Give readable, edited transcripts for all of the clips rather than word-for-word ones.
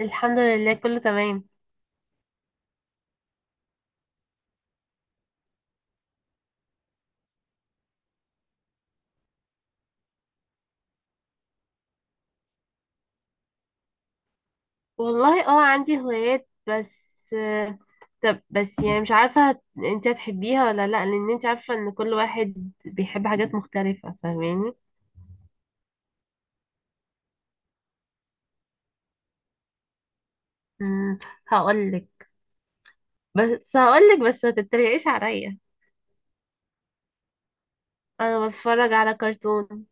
الحمد لله كله تمام. والله اه عندي هوايات بس طب بس يعني مش عارفة انت هتحبيها ولا لا، لان انت عارفة ان كل واحد بيحب حاجات مختلفة، فاهماني؟ امم هقولك. بس هقولك، بس ما تتريقيش عليا. انا بتفرج على كرتون.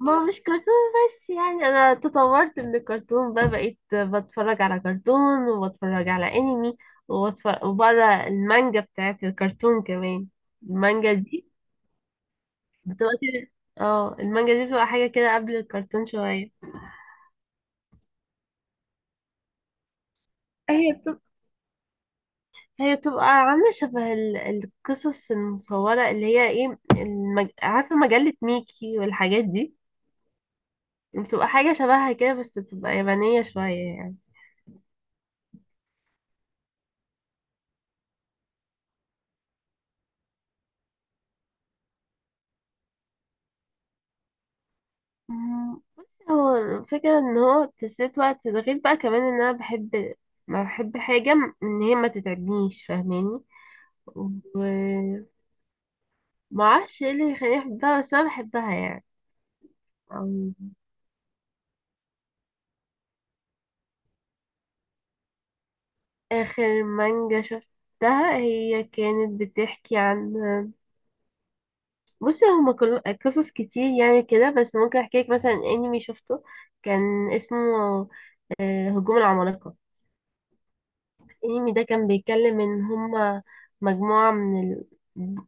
ما هو مش كرتون، بس يعني انا تطورت من الكرتون بقى، بقيت بتفرج على كرتون وبتفرج على انمي، وبتفرج وبره المانجا بتاعت الكرتون كمان. المانجا دي دلوقتي، اه، المانجا دي بتبقى حاجة كده قبل الكرتون شوية. هي بتبقى هي بتبقى عاملة شبه القصص المصورة، اللي هي عارفة مجلة ميكي والحاجات دي. بتبقى حاجة شبهها كده، بس بتبقى يابانية شوية يعني. بصي، هو الفكرة ان هو تسليت وقت ده، غير بقى كمان ان انا بحب. ما بحب حاجة ان هي ما تتعبنيش، فاهماني؟ ومعرفش ايه اللي يخليني احبها، بس انا بحبها يعني. آخر مانجا شفتها هي كانت بتحكي عن، بصي هما كل قصص كتير يعني كده، بس ممكن احكي لك مثلا انمي شفته كان اسمه هجوم العمالقة. الانمي ده كان بيتكلم ان هما مجموعة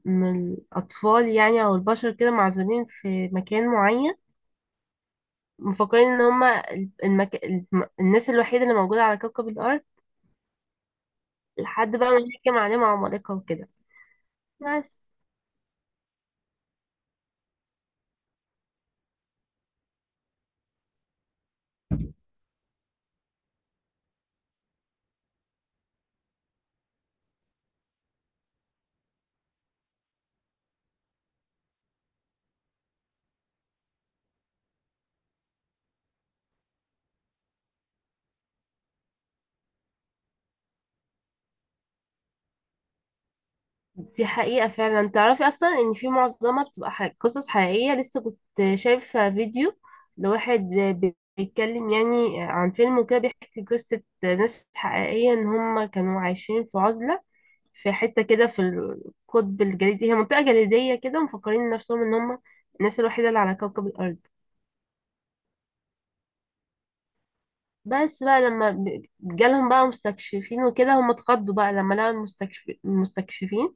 من الأطفال يعني، أو البشر كده معزولين في مكان معين، مفكرين إن هما الناس الوحيدة اللي موجودة على كوكب الأرض، لحد بقى ما يحكم عليهم عمالقة وكده، بس. دي حقيقة فعلا. تعرفي أصلا إن في معظمها بتبقى قصص حقيقية. لسه كنت شايفة فيديو لواحد بيتكلم يعني عن فيلم وكده، بيحكي قصة ناس حقيقية إن هم كانوا عايشين في عزلة، في حتة كده في القطب الجليدي، هي منطقة جليدية كده، ومفكرين نفسهم إن هم الناس الوحيدة اللي على كوكب الأرض. بس بقى لما جالهم بقى مستكشفين وكده، هم اتخضوا بقى لما لقوا المستكشفين.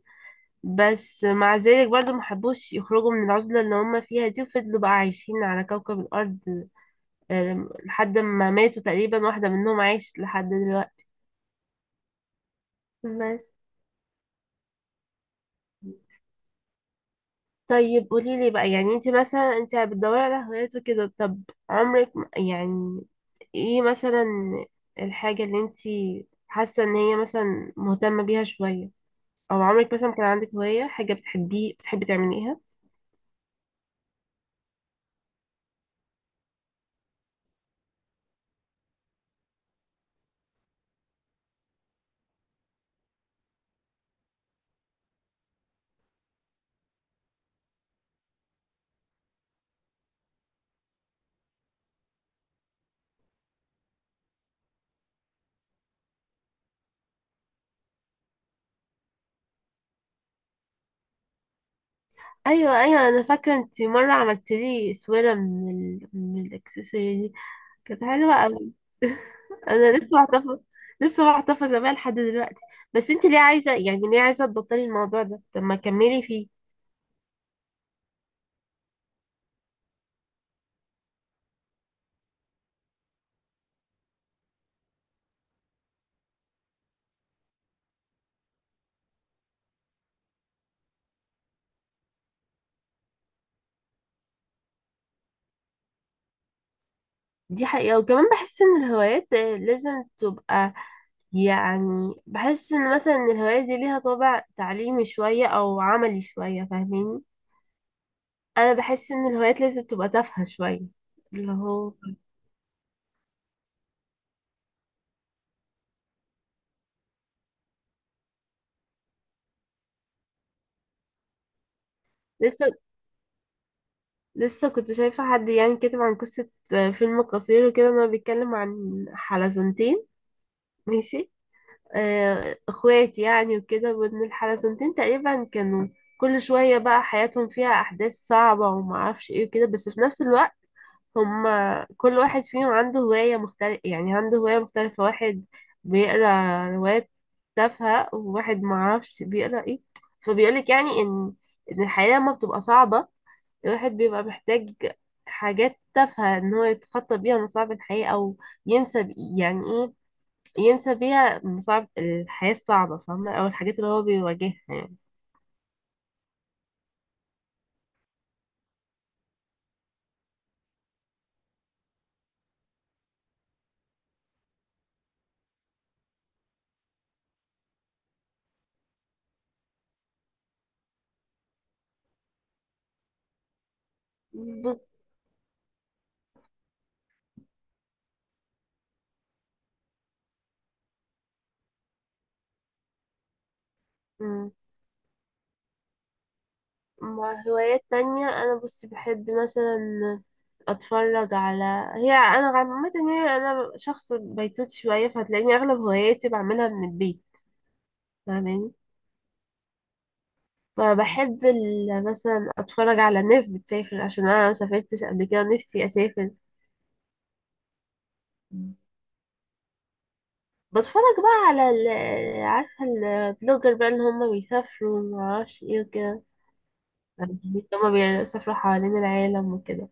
بس مع ذلك برضو محبوش يخرجوا من العزلة اللي هم فيها دي، وفضلوا بقى عايشين على كوكب الأرض، لحد ما ماتوا تقريبا. واحدة منهم عايشت لحد دلوقتي بس. طيب قولي لي بقى، يعني انت مثلا انت بتدوري على هوايات وكده، طب عمرك يعني ايه مثلا الحاجة اللي انت حاسة ان هي مثلا مهتمة بيها شوية، او عمرك مثلا كان عندك هواية حاجة بتحبيه بتحبي تعمليها؟ ايوه ايوه انا فاكره انت مره عملت لي سويره من الاكسسواري دي، كانت حلوه قوي. انا لسه محتفظه. لسه محتفظه بيها لحد دلوقتي. بس انت ليه عايزه، يعني ليه عايزه تبطلي الموضوع ده؟ طب ما كملي فيه. دي حقيقه، وكمان بحس ان الهوايات لازم تبقى، يعني بحس ان مثلا إن الهوايات دي ليها طابع تعليمي شويه او عملي شويه، فاهميني؟ انا بحس ان الهوايات لازم تبقى تافهه شويه، اللي هو. لسه لسه كنت شايفة حد يعني كاتب عن قصة فيلم قصير وكده، إن هو بيتكلم عن حلزونتين، ماشي؟ اخوات يعني وكده، وإن الحلزونتين تقريبا كانوا كل شوية بقى حياتهم فيها أحداث صعبة ومعرفش ايه وكده، بس في نفس الوقت هما كل واحد فيهم عنده هواية مختلفة، يعني عنده هواية مختلفة. واحد بيقرا روايات تافهة، وواحد معرفش بيقرا ايه. فبيقولك يعني إن الحياة لما بتبقى صعبة، الواحد بيبقى محتاج حاجات تافهة ان هو يتخطى بيها مصاعب الحياة، او ينسى يعني ايه، ينسى بيها مصاعب الحياة الصعبة، فاهمة؟ او الحاجات اللي هو بيواجهها يعني. مم. بص. مم. مع هوايات تانية، انا بص بحب مثلا اتفرج على، هي انا عامة يعني انا شخص بيتوت شوية، فهتلاقيني اغلب هواياتي بعملها من البيت، فاهماني؟ فبحب مثلا اتفرج على الناس بتسافر، عشان انا مسافرتش قبل كده، نفسي اسافر. بتفرج بقى على ال، عارفة البلوجر بقى اللي هما بيسافروا ومعرفش ايه وكده يعني، هما بيسافروا حوالين العالم وكده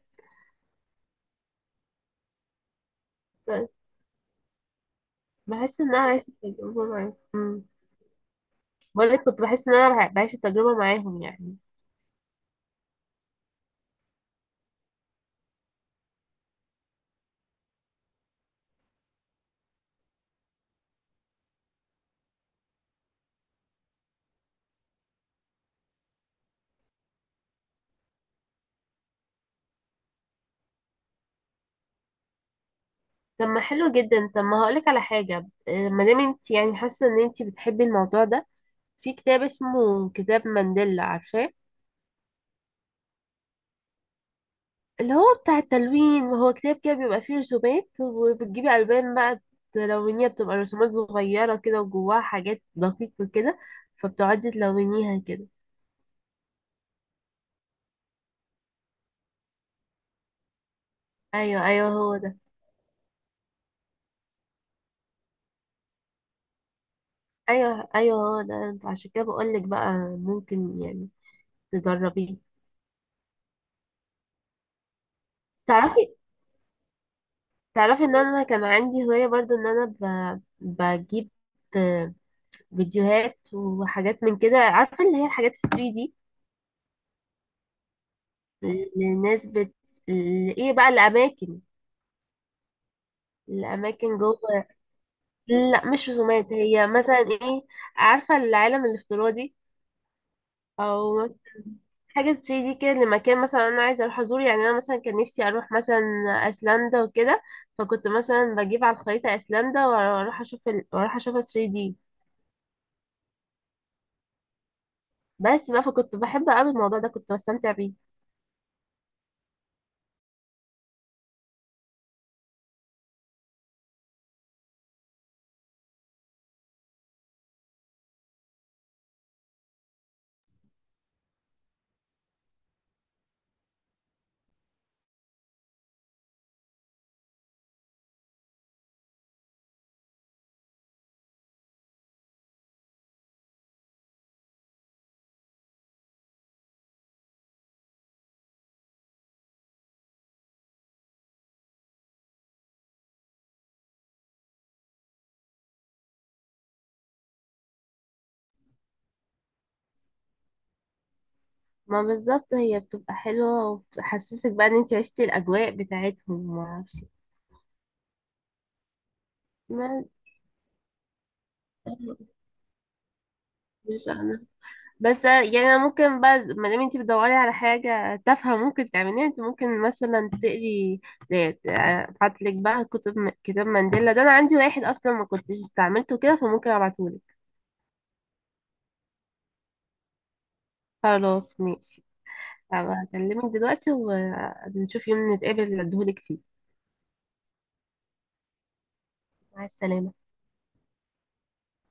بس. بحس ان انا عايشة التجربة معاهم. أمم. بقولك كنت بحس ان انا بعيش التجربة معاهم يعني. طب ما حلو جدا، طب ما هقولك على حاجة، ما دام انت يعني حاسة ان انت بتحبي الموضوع ده، في كتاب اسمه كتاب مانديلا، عارفاه؟ اللي هو بتاع التلوين، هو كتاب كده بيبقى فيه رسومات وبتجيبي ألوان بقى تلونيها، بتبقى رسومات صغيرة كده وجواها حاجات دقيقة كده، فبتقعدي تلونيها كده. أيوه أيوه هو ده. أيوه أيوه هو ده، عشان كده بقولك بقى، ممكن يعني تجربيه. تعرفي تعرفي إن أنا كان عندي هواية برضو، إن أنا بجيب فيديوهات وحاجات من كده، عارفة اللي هي الحاجات الثري دي. الناس بت...، ايه بقى، الأماكن، الأماكن جوه. لا مش رسومات، هي مثلا ايه، عارفة العالم الافتراضي؟ أو مثلا حاجة 3D كده لمكان مثلا أنا عايزة أروح أزوره، يعني أنا مثلا كان نفسي أروح مثلا أيسلندا وكده، فكنت مثلا بجيب على الخريطة أيسلندا وأروح أشوف ال... وأروح أشوفها 3D بس بقى، فكنت بحب أوي الموضوع ده، كنت بستمتع بيه. ما بالظبط، هي بتبقى حلوة وبتحسسك بقى إن أنت عشتي الأجواء بتاعتهم ومعرفش. ما مش أنا، بس يعني انا ممكن بقى، ما دام انت بتدوري على حاجه تافهه ممكن تعمليها، انت ممكن مثلا تقري. ابعت لك بقى كتب كتاب مانديلا ده، انا عندي واحد اصلا ما كنتش استعملته كده، فممكن ابعتهولك. خلاص ماشي. هبقى اكلمك دلوقتي، ونشوف يوم نتقابل اديهولك فيه. مع السلامه.